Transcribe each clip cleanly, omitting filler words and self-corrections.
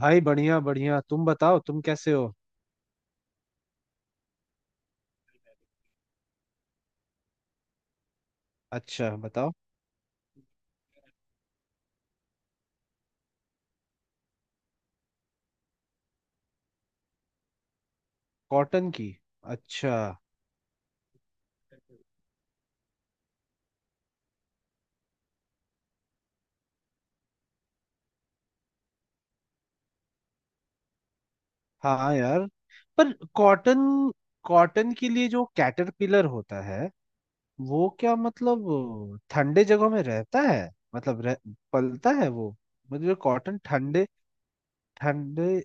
भाई बढ़िया बढ़िया, तुम बताओ तुम कैसे हो। अच्छा, बताओ। कॉटन की? अच्छा। हाँ यार, पर कॉटन, कॉटन के लिए जो कैटरपिलर होता है वो क्या मतलब ठंडे जगहों में रहता है? मतलब पलता है वो? मतलब कॉटन ठंडे, ठंडे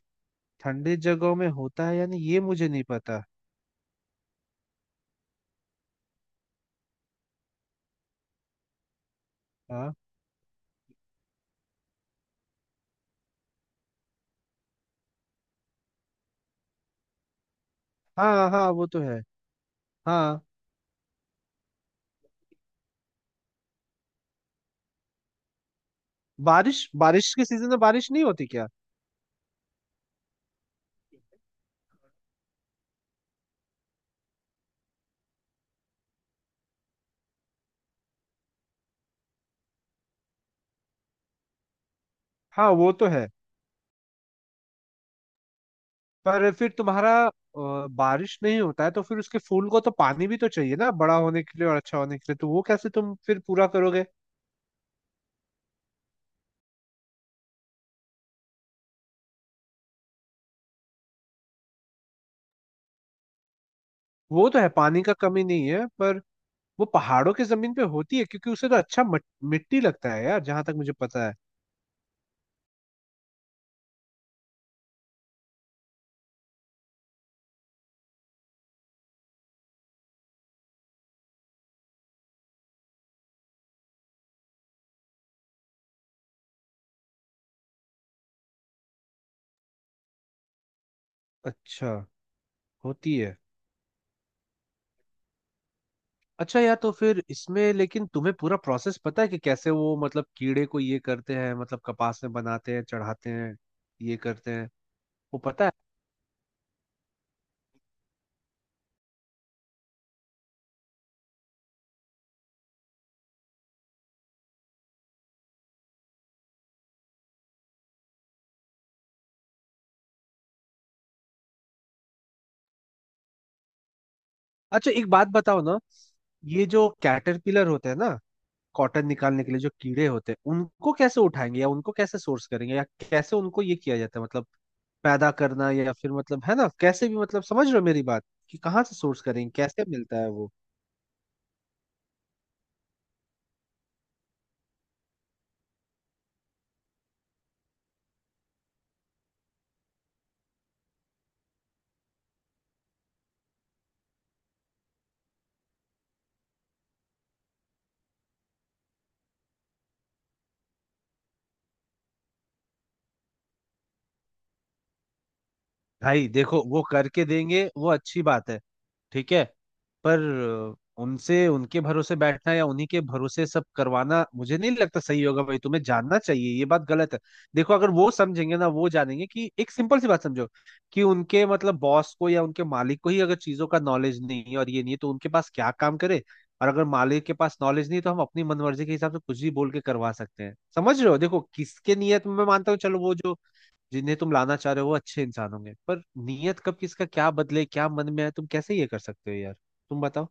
ठंडे जगहों में होता है यानी, ये मुझे नहीं पता। हाँ, हाँ हाँ, वो तो है। हाँ। बारिश, बारिश के सीजन में बारिश नहीं होती क्या? हाँ वो तो है। पर फिर तुम्हारा बारिश नहीं होता है तो फिर उसके फूल को तो पानी भी तो चाहिए ना बड़ा होने के लिए और अच्छा होने के लिए, तो वो कैसे तुम फिर पूरा करोगे? वो तो है, पानी का कमी नहीं है, पर वो पहाड़ों की जमीन पे होती है क्योंकि उसे तो अच्छा मिट्टी लगता है यार, जहां तक मुझे पता है। अच्छा, होती है। अच्छा यार, तो फिर इसमें लेकिन तुम्हें पूरा प्रोसेस पता है कि कैसे वो मतलब कीड़े को ये करते हैं, मतलब कपास में बनाते हैं, चढ़ाते हैं, ये करते हैं, वो पता है? अच्छा, एक बात बताओ ना। ये जो कैटरपिलर होते हैं ना, कॉटन निकालने के लिए जो कीड़े होते हैं, उनको कैसे उठाएंगे या उनको कैसे सोर्स करेंगे, या कैसे उनको ये किया जाता है, मतलब पैदा करना, या फिर मतलब, है ना, कैसे भी, मतलब समझ रहे हो मेरी बात, कि कहाँ से सोर्स करेंगे, कैसे मिलता है वो? भाई देखो, वो करके देंगे वो अच्छी बात है, ठीक है, पर उनसे, उनके भरोसे बैठना या उन्हीं के भरोसे सब करवाना मुझे नहीं लगता सही होगा भाई, तुम्हें जानना चाहिए ये बात गलत है। देखो, अगर वो समझेंगे ना, वो जानेंगे कि, एक सिंपल सी बात समझो, कि उनके मतलब बॉस को या उनके मालिक को ही अगर चीजों का नॉलेज नहीं है और ये नहीं है, तो उनके पास क्या काम करे? और अगर मालिक के पास नॉलेज नहीं है, तो हम अपनी मनमर्जी के हिसाब से कुछ भी बोल के करवा सकते हैं, समझ रहे हो? देखो, किसके नियत में, मैं मानता हूँ चलो, वो जो जिन्हें तुम लाना चाह रहे हो वो अच्छे इंसान होंगे, पर नीयत कब किसका क्या बदले, क्या मन में है, तुम कैसे ये कर सकते हो यार, तुम बताओ।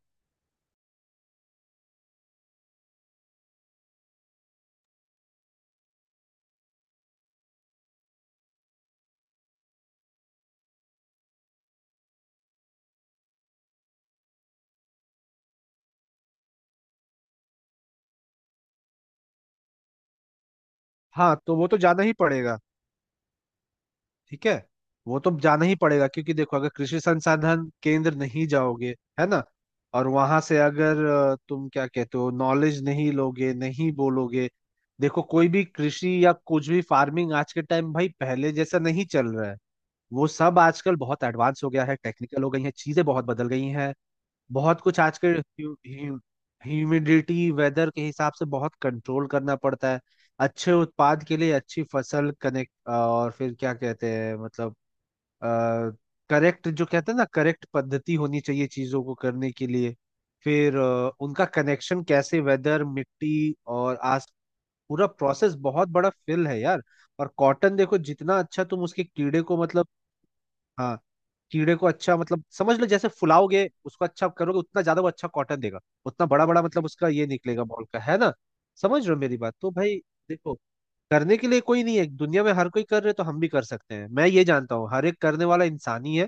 हाँ तो वो तो जाना ही पड़ेगा, ठीक है। वो तो जाना ही पड़ेगा, क्योंकि देखो, अगर कृषि संसाधन केंद्र नहीं जाओगे, है ना, और वहां से अगर तुम क्या कहते हो, नॉलेज नहीं लोगे, नहीं बोलोगे। देखो, कोई भी कृषि या कुछ भी फार्मिंग आज के टाइम भाई पहले जैसा नहीं चल रहा है। वो सब आजकल बहुत एडवांस हो गया है, टेक्निकल हो गई है, चीजें बहुत बदल गई हैं, बहुत कुछ आजकल। ह्यूमिडिटी, वेदर के हिसाब से बहुत कंट्रोल करना पड़ता है अच्छे उत्पाद के लिए, अच्छी फसल कनेक्ट, और फिर क्या कहते हैं मतलब, करेक्ट, जो कहते हैं ना, करेक्ट पद्धति होनी चाहिए चीजों को करने के लिए। फिर उनका कनेक्शन कैसे, वेदर, मिट्टी और आस, पूरा प्रोसेस बहुत बड़ा फिल है यार। और कॉटन देखो, जितना अच्छा तुम उसके कीड़े को मतलब, हाँ, कीड़े को अच्छा मतलब समझ लो, जैसे फुलाओगे, उसको अच्छा करोगे, उतना ज्यादा वो अच्छा कॉटन देगा, उतना बड़ा बड़ा मतलब उसका ये निकलेगा, बॉल का, है ना? समझ रहे हो मेरी बात? तो भाई देखो, करने के लिए कोई नहीं है दुनिया में, हर कोई कर रहे, तो हम भी कर सकते हैं, मैं ये जानता हूँ, हर एक करने वाला इंसान ही है।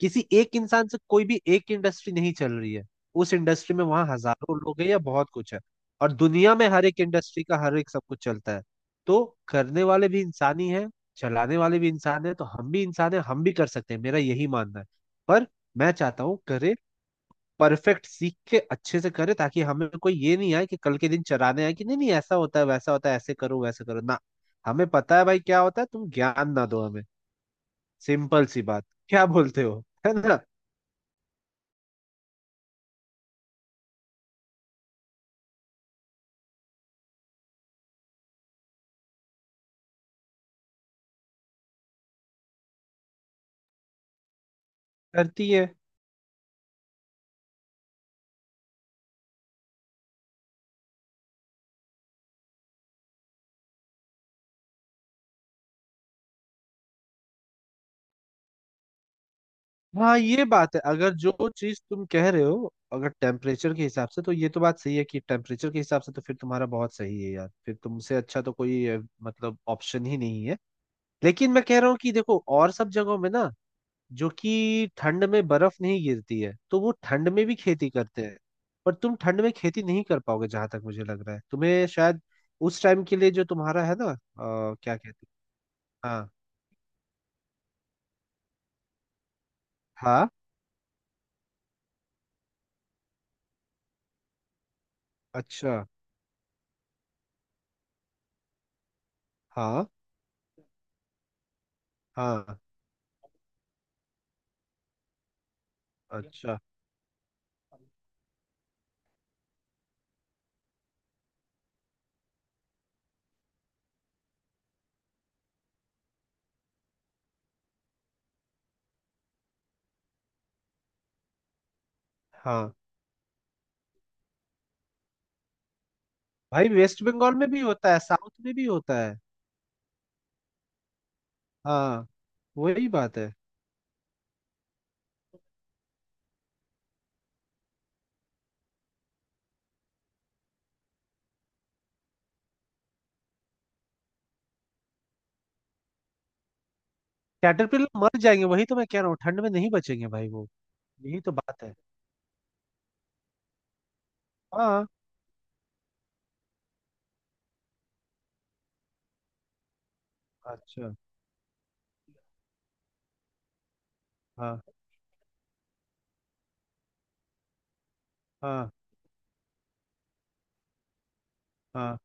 किसी एक इंसान से कोई भी एक इंडस्ट्री नहीं चल रही है, उस इंडस्ट्री में वहां हजारों लोग हैं या बहुत कुछ है, और दुनिया में हर एक इंडस्ट्री का हर एक सब कुछ चलता है। तो करने वाले भी इंसान ही है, चलाने वाले भी इंसान है, तो हम भी इंसान है, हम भी कर सकते हैं, मेरा यही मानना है। पर मैं चाहता हूँ करे, परफेक्ट सीख के अच्छे से करे, ताकि हमें कोई ये नहीं आए कि कल के दिन चराने आए कि नहीं नहीं ऐसा होता है, वैसा होता है, ऐसे करो, वैसे करो ना। हमें पता है भाई क्या होता है, तुम ज्ञान ना दो हमें, सिंपल सी बात, क्या बोलते हो, है ना? करती है। हाँ, ये बात है, अगर जो चीज तुम कह रहे हो अगर टेम्परेचर के हिसाब से, तो ये तो बात सही है, कि टेम्परेचर के हिसाब से तो फिर तुम्हारा बहुत सही है यार, फिर तुमसे अच्छा तो कोई मतलब ऑप्शन ही नहीं है। लेकिन मैं कह रहा हूँ कि देखो, और सब जगहों में ना, जो कि ठंड में बर्फ नहीं गिरती है तो वो ठंड में भी खेती करते हैं, पर तुम ठंड में खेती नहीं कर पाओगे जहां तक मुझे लग रहा है, तुम्हें शायद उस टाइम के लिए जो तुम्हारा है ना क्या कहते हैं। हाँ, हाँ। अच्छा। हाँ। हाँ। अच्छा। हाँ भाई, वेस्ट बंगाल में भी होता है, साउथ में भी होता है। हाँ, वही बात है। कैटरपिलर मर जाएंगे, वही तो मैं कह रहा हूँ, ठंड में नहीं बचेंगे भाई वो। यही तो बात है। हाँ। अच्छा। हाँ हाँ हाँ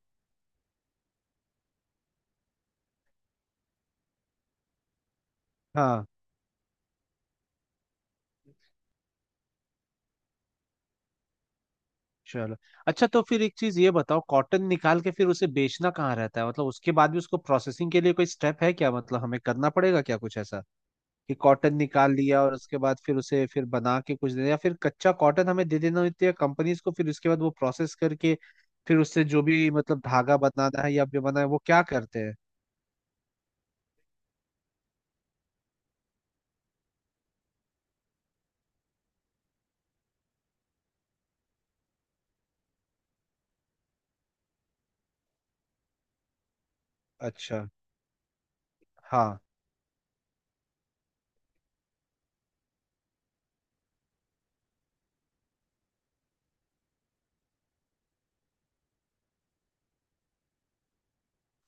हाँ। चलो। अच्छा, तो फिर एक चीज ये बताओ, कॉटन निकाल के फिर उसे बेचना कहाँ रहता है, मतलब उसके बाद भी उसको प्रोसेसिंग के लिए कोई स्टेप है क्या, मतलब हमें करना पड़ेगा क्या कुछ ऐसा, कि कॉटन निकाल लिया और उसके बाद फिर उसे फिर बना के कुछ दे, या फिर कच्चा कॉटन हमें दे देना होती है कंपनीज को, फिर उसके बाद वो प्रोसेस करके, फिर उससे जो भी मतलब धागा बनाना है या बनाना है, वो क्या करते हैं? अच्छा। हाँ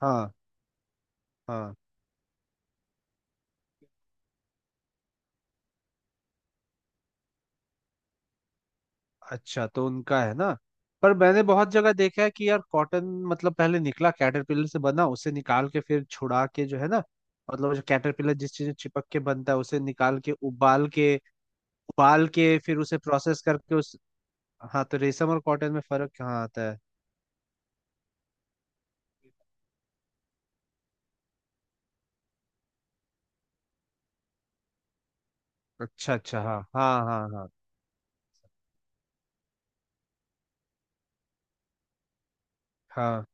हाँ हाँ। अच्छा, तो उनका, है ना। पर मैंने बहुत जगह देखा है कि यार कॉटन, मतलब पहले निकला कैटरपिलर से बना, उसे निकाल के फिर छुड़ा के, जो है ना, मतलब जो कैटरपिलर जिस चीज में चिपक के बनता है उसे निकाल के, उबाल के, उबाल के फिर उसे प्रोसेस करके उस, हाँ तो रेशम और कॉटन में फर्क कहाँ आता है? अच्छा अच्छा, हाँ हाँ हाँ हाँ हाँ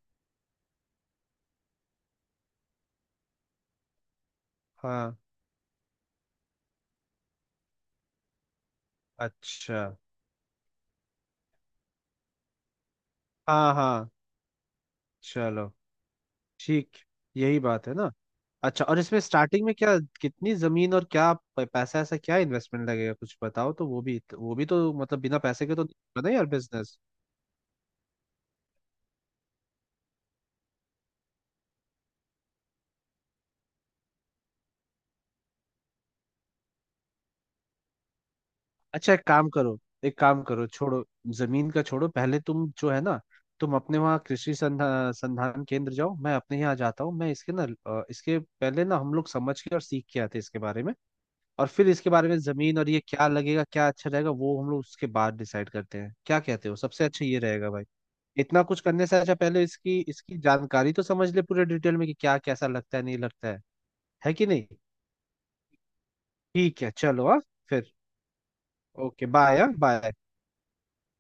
हाँ। अच्छा। हाँ हाँ। चलो, ठीक, यही बात है ना। अच्छा, और इसमें स्टार्टिंग में क्या, कितनी जमीन और क्या पैसा, ऐसा क्या इन्वेस्टमेंट लगेगा, कुछ बताओ तो। वो भी, वो भी तो मतलब बिना पैसे के तो नहीं होगा ना यार बिजनेस। अच्छा, एक काम करो, एक काम करो, छोड़ो, जमीन का छोड़ो, पहले तुम, जो है ना, तुम अपने वहाँ कृषि संधान केंद्र जाओ, मैं अपने यहाँ जाता हूँ, मैं इसके ना इसके पहले ना, हम लोग समझ के और सीख के आते हैं इसके बारे में, और फिर इसके बारे में जमीन और ये क्या लगेगा, क्या अच्छा रहेगा, वो हम लोग उसके बाद डिसाइड करते हैं, क्या कहते हो? सबसे अच्छा ये रहेगा भाई, इतना कुछ करने से अच्छा पहले इसकी इसकी जानकारी तो समझ ले पूरे डिटेल में, कि क्या कैसा लगता है, नहीं लगता है कि नहीं। ठीक है चलो, हाँ, फिर। ओके बाय, हाँ बाय।